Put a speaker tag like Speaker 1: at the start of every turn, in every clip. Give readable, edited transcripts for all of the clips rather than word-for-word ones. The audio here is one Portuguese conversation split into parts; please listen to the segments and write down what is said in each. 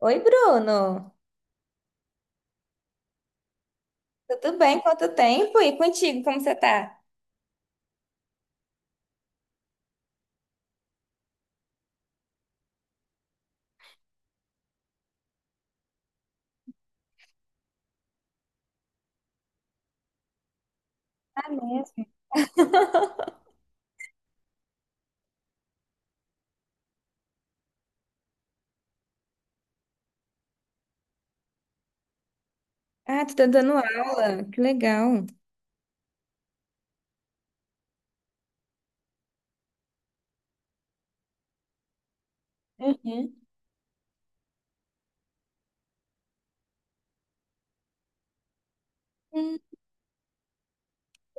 Speaker 1: Oi, Bruno. Tudo bem? Quanto tempo? E contigo, como você tá? Ah mesmo? Ah, tu tá dando aula. Que legal. Uhum. Hum.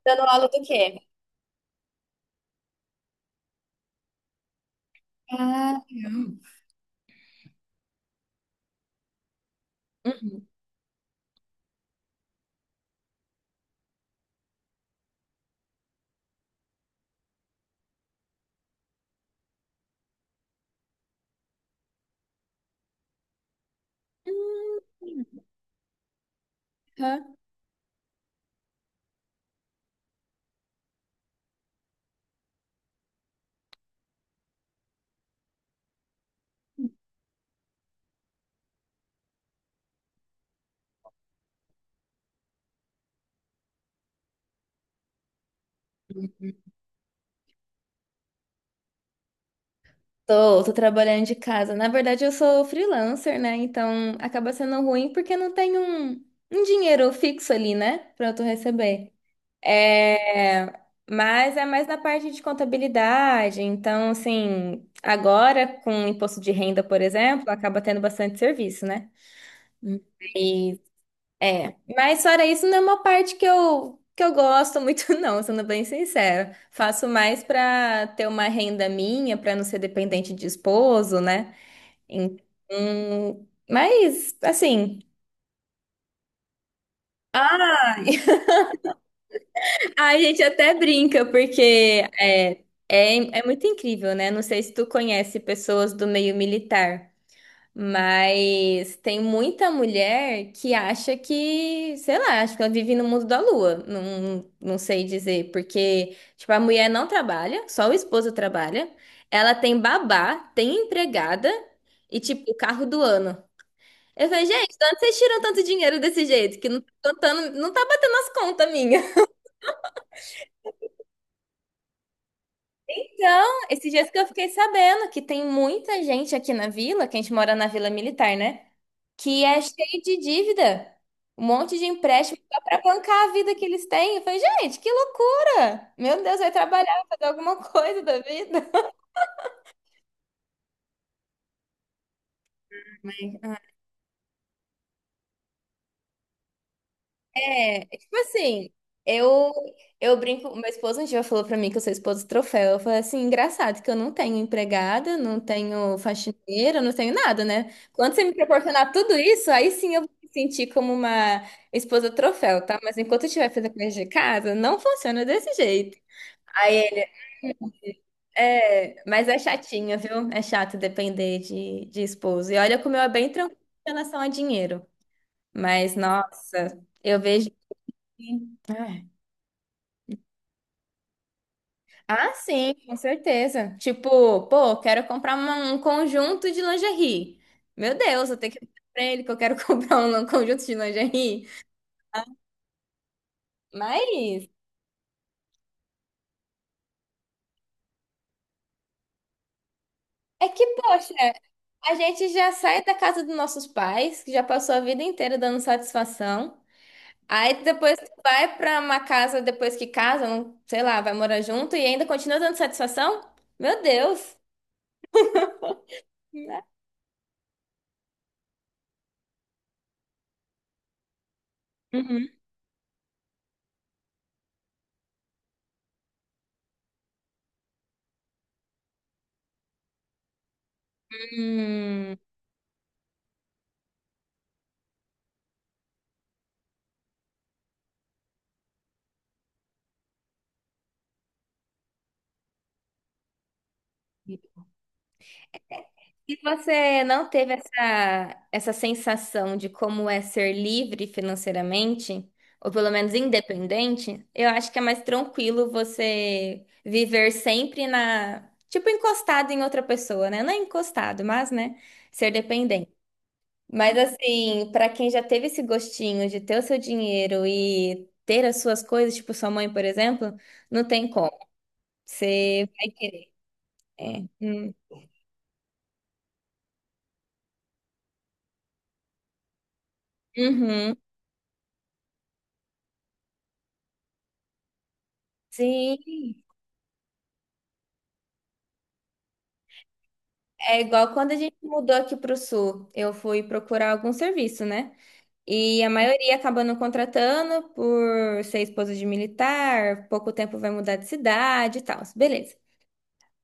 Speaker 1: Dando aula do quê? Ah, legal. Uhum. Hum, Hã? Tô, trabalhando de casa. Na verdade, eu sou freelancer, né? Então acaba sendo ruim porque não tem um dinheiro fixo ali, né? Pra eu receber. É, mas é mais na parte de contabilidade. Então, assim, agora com o imposto de renda, por exemplo, acaba tendo bastante serviço, né? E é, mas fora isso, não é uma parte que eu gosto muito, não, sendo bem sincera. Faço mais para ter uma renda minha, para não ser dependente de esposo, né? Então, mas assim, ah, a gente até brinca, porque é, é muito incrível, né? Não sei se tu conhece pessoas do meio militar, mas tem muita mulher que acha que, sei lá, acho que ela vive no mundo da lua. Não, não sei dizer, porque, tipo, a mulher não trabalha, só o esposo trabalha, ela tem babá, tem empregada e, tipo, o carro do ano. Eu falei, gente, de onde vocês tiram tanto dinheiro desse jeito? Que não, tá contando, não tá batendo as contas minhas. Então, esses dias que eu fiquei sabendo que tem muita gente aqui na vila, que a gente mora na Vila Militar, né? Que é cheio de dívida. Um monte de empréstimo só pra bancar a vida que eles têm. Eu falei, gente, que loucura! Meu Deus, vai trabalhar, fazer alguma coisa da vida. É, tipo assim, eu eu brinco, meu esposo um dia falou pra mim que eu sou esposa troféu. Eu falei assim, engraçado que eu não tenho empregada, não tenho faxineira, não tenho nada, né? Quando você me proporcionar tudo isso, aí sim eu vou me sentir como uma esposa troféu, tá? Mas enquanto eu estiver fazendo coisa de casa, não funciona desse jeito. Aí ele, é, mas é chatinho, viu? É chato depender de esposo. E olha como eu é bem tranquilo em relação a dinheiro. Mas, nossa, eu vejo que. Ah. Ah, sim, com certeza. Tipo, pô, quero comprar uma- um conjunto de lingerie. Meu Deus, eu tenho que falar pra ele que eu quero comprar um conjunto de lingerie. Mas é que, poxa, a gente já sai da casa dos nossos pais, que já passou a vida inteira dando satisfação. Aí depois tu vai pra uma casa, depois que casa, não- sei lá, vai morar junto e ainda continua dando satisfação? Meu Deus! Uhum. Hum. E você não teve essa, essa sensação de como é ser livre financeiramente, ou pelo menos independente? Eu acho que é mais tranquilo você viver sempre na, tipo, encostado em outra pessoa, né? Não é encostado, mas, né, ser dependente. Mas assim, para quem já teve esse gostinho de ter o seu dinheiro e ter as suas coisas, tipo sua mãe, por exemplo, não tem como. Você vai querer. É. Hum. Uhum. Sim. É igual quando a gente mudou aqui para o sul, eu fui procurar algum serviço, né? E a maioria acaba não contratando por ser esposa de militar, pouco tempo vai mudar de cidade e tal, beleza.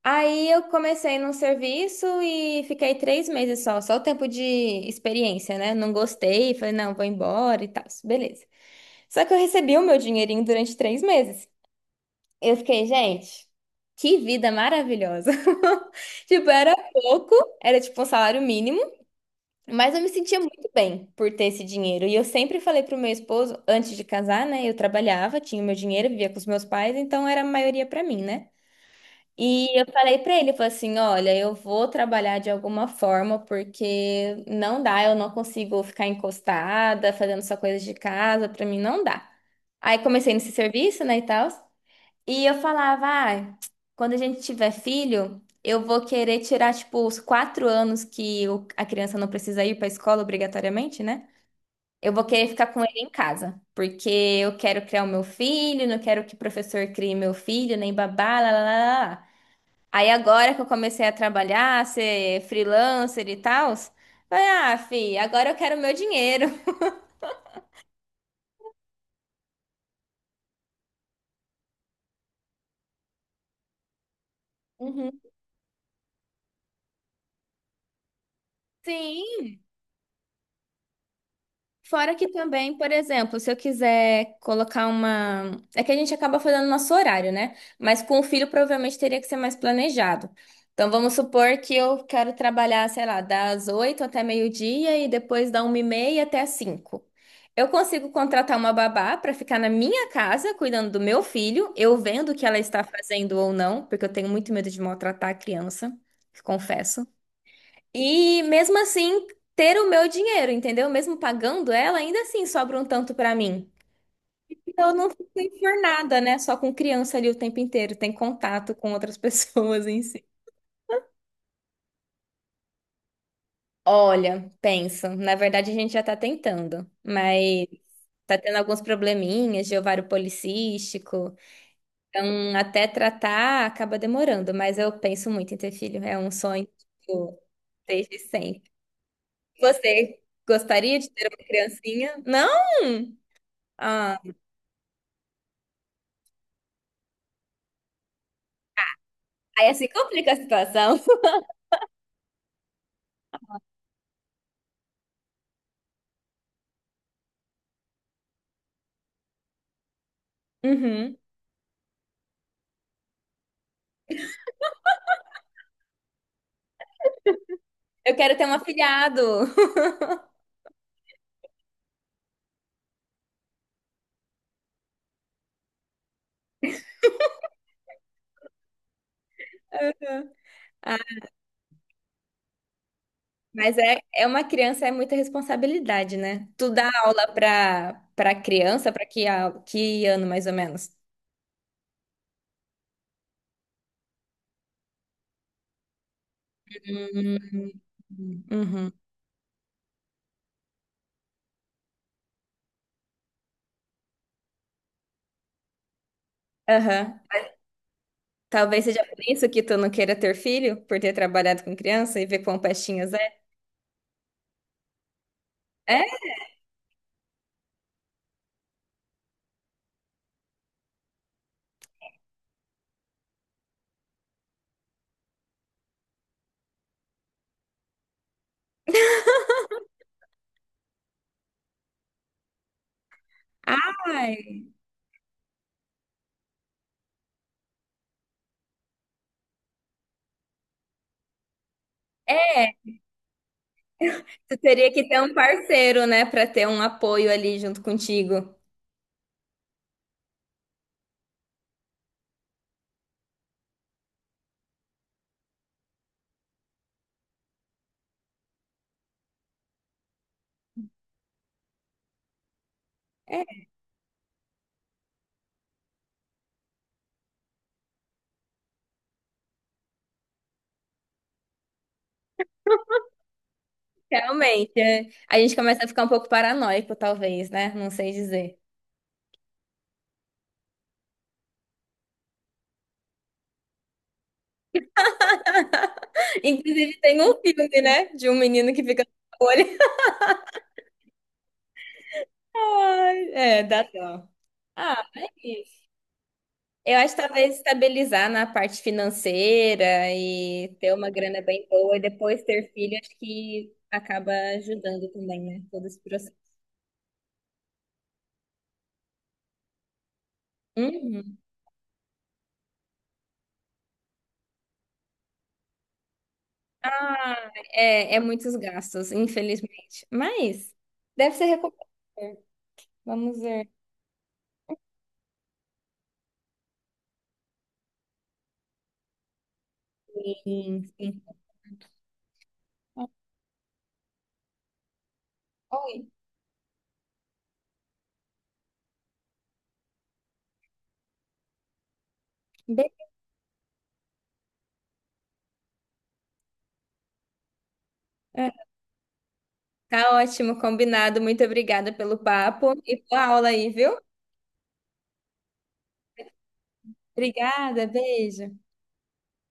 Speaker 1: Aí eu comecei num serviço e fiquei 3 meses só o tempo de experiência, né? Não gostei, falei, não, vou embora e tal, beleza. Só que eu recebi o meu dinheirinho durante 3 meses. Eu fiquei, gente, que vida maravilhosa. Tipo, era pouco, era tipo um salário mínimo. Mas eu me sentia muito bem por ter esse dinheiro. E eu sempre falei pro meu esposo, antes de casar, né? Eu trabalhava, tinha o meu dinheiro, vivia com os meus pais, então era a maioria pra mim, né? E eu falei pra ele, eu falei assim, olha, eu vou trabalhar de alguma forma, porque não dá, eu não consigo ficar encostada, fazendo só coisas de casa, pra mim não dá. Aí comecei nesse serviço, né, e tal. E eu falava, ah, quando a gente tiver filho, eu vou querer tirar, tipo, os 4 anos que o- a criança não precisa ir para a escola obrigatoriamente, né? Eu vou querer ficar com ele em casa, porque eu quero criar o meu filho, não quero que o professor crie meu filho, nem babá, lá, lá, lá, lá. Aí agora que eu comecei a trabalhar, ser freelancer e tal, falei, ah, fi, agora eu quero meu dinheiro. Uhum. Sim, fora que também, por exemplo, se eu quiser colocar uma. É que a gente acaba fazendo nosso horário, né? Mas com o filho provavelmente teria que ser mais planejado. Então vamos supor que eu quero trabalhar, sei lá, das 8 até meio-dia e depois da 1:30 até as 5. Eu consigo contratar uma babá para ficar na minha casa cuidando do meu filho, eu vendo o que ela está fazendo ou não, porque eu tenho muito medo de maltratar a criança, confesso. E mesmo assim, ter o meu dinheiro, entendeu? Mesmo pagando ela, ainda assim sobra um tanto pra mim. Então eu não fico enfurnada, né? Só com criança ali o tempo inteiro, tem contato com outras pessoas em si. Olha, penso. Na verdade, a gente já tá tentando, mas tá tendo alguns probleminhas de ovário policístico. Então, até tratar acaba demorando, mas eu penso muito em ter filho. É um sonho, tipo, desde sempre. Você gostaria de ter uma criancinha? Não? Ah, aí assim complica a situação. Uhum. Eu quero ter um afilhado. Uhum. Ah, mas é, é uma criança, é muita responsabilidade, né? Tu dá aula pra, pra criança, pra que, a- que ano mais ou menos? Hum. Uhum. Aham. Talvez seja por isso que tu não queira ter filho, por ter trabalhado com criança e ver quão pestinhas é. É? Ai, é, tu teria que ter um parceiro, né, pra ter um apoio ali junto contigo. Realmente, é. A gente começa a ficar um pouco paranoico, talvez, né? Não sei dizer. Inclusive, tem um filme, né? De um menino que fica com o olho. Ai, é, dá dó. Ah, é isso. Eu acho que talvez estabilizar na parte financeira e ter uma grana bem boa e depois ter filho, acho que acaba ajudando também, né? Todo esse processo. Uhum. Ah, é, é muitos gastos, infelizmente. Mas deve ser recuperável. Vamos ver. Sim, sim. Oi. Be- é, tá ótimo, combinado. Muito obrigada pelo papo e boa aula aí, viu? Obrigada, beijo.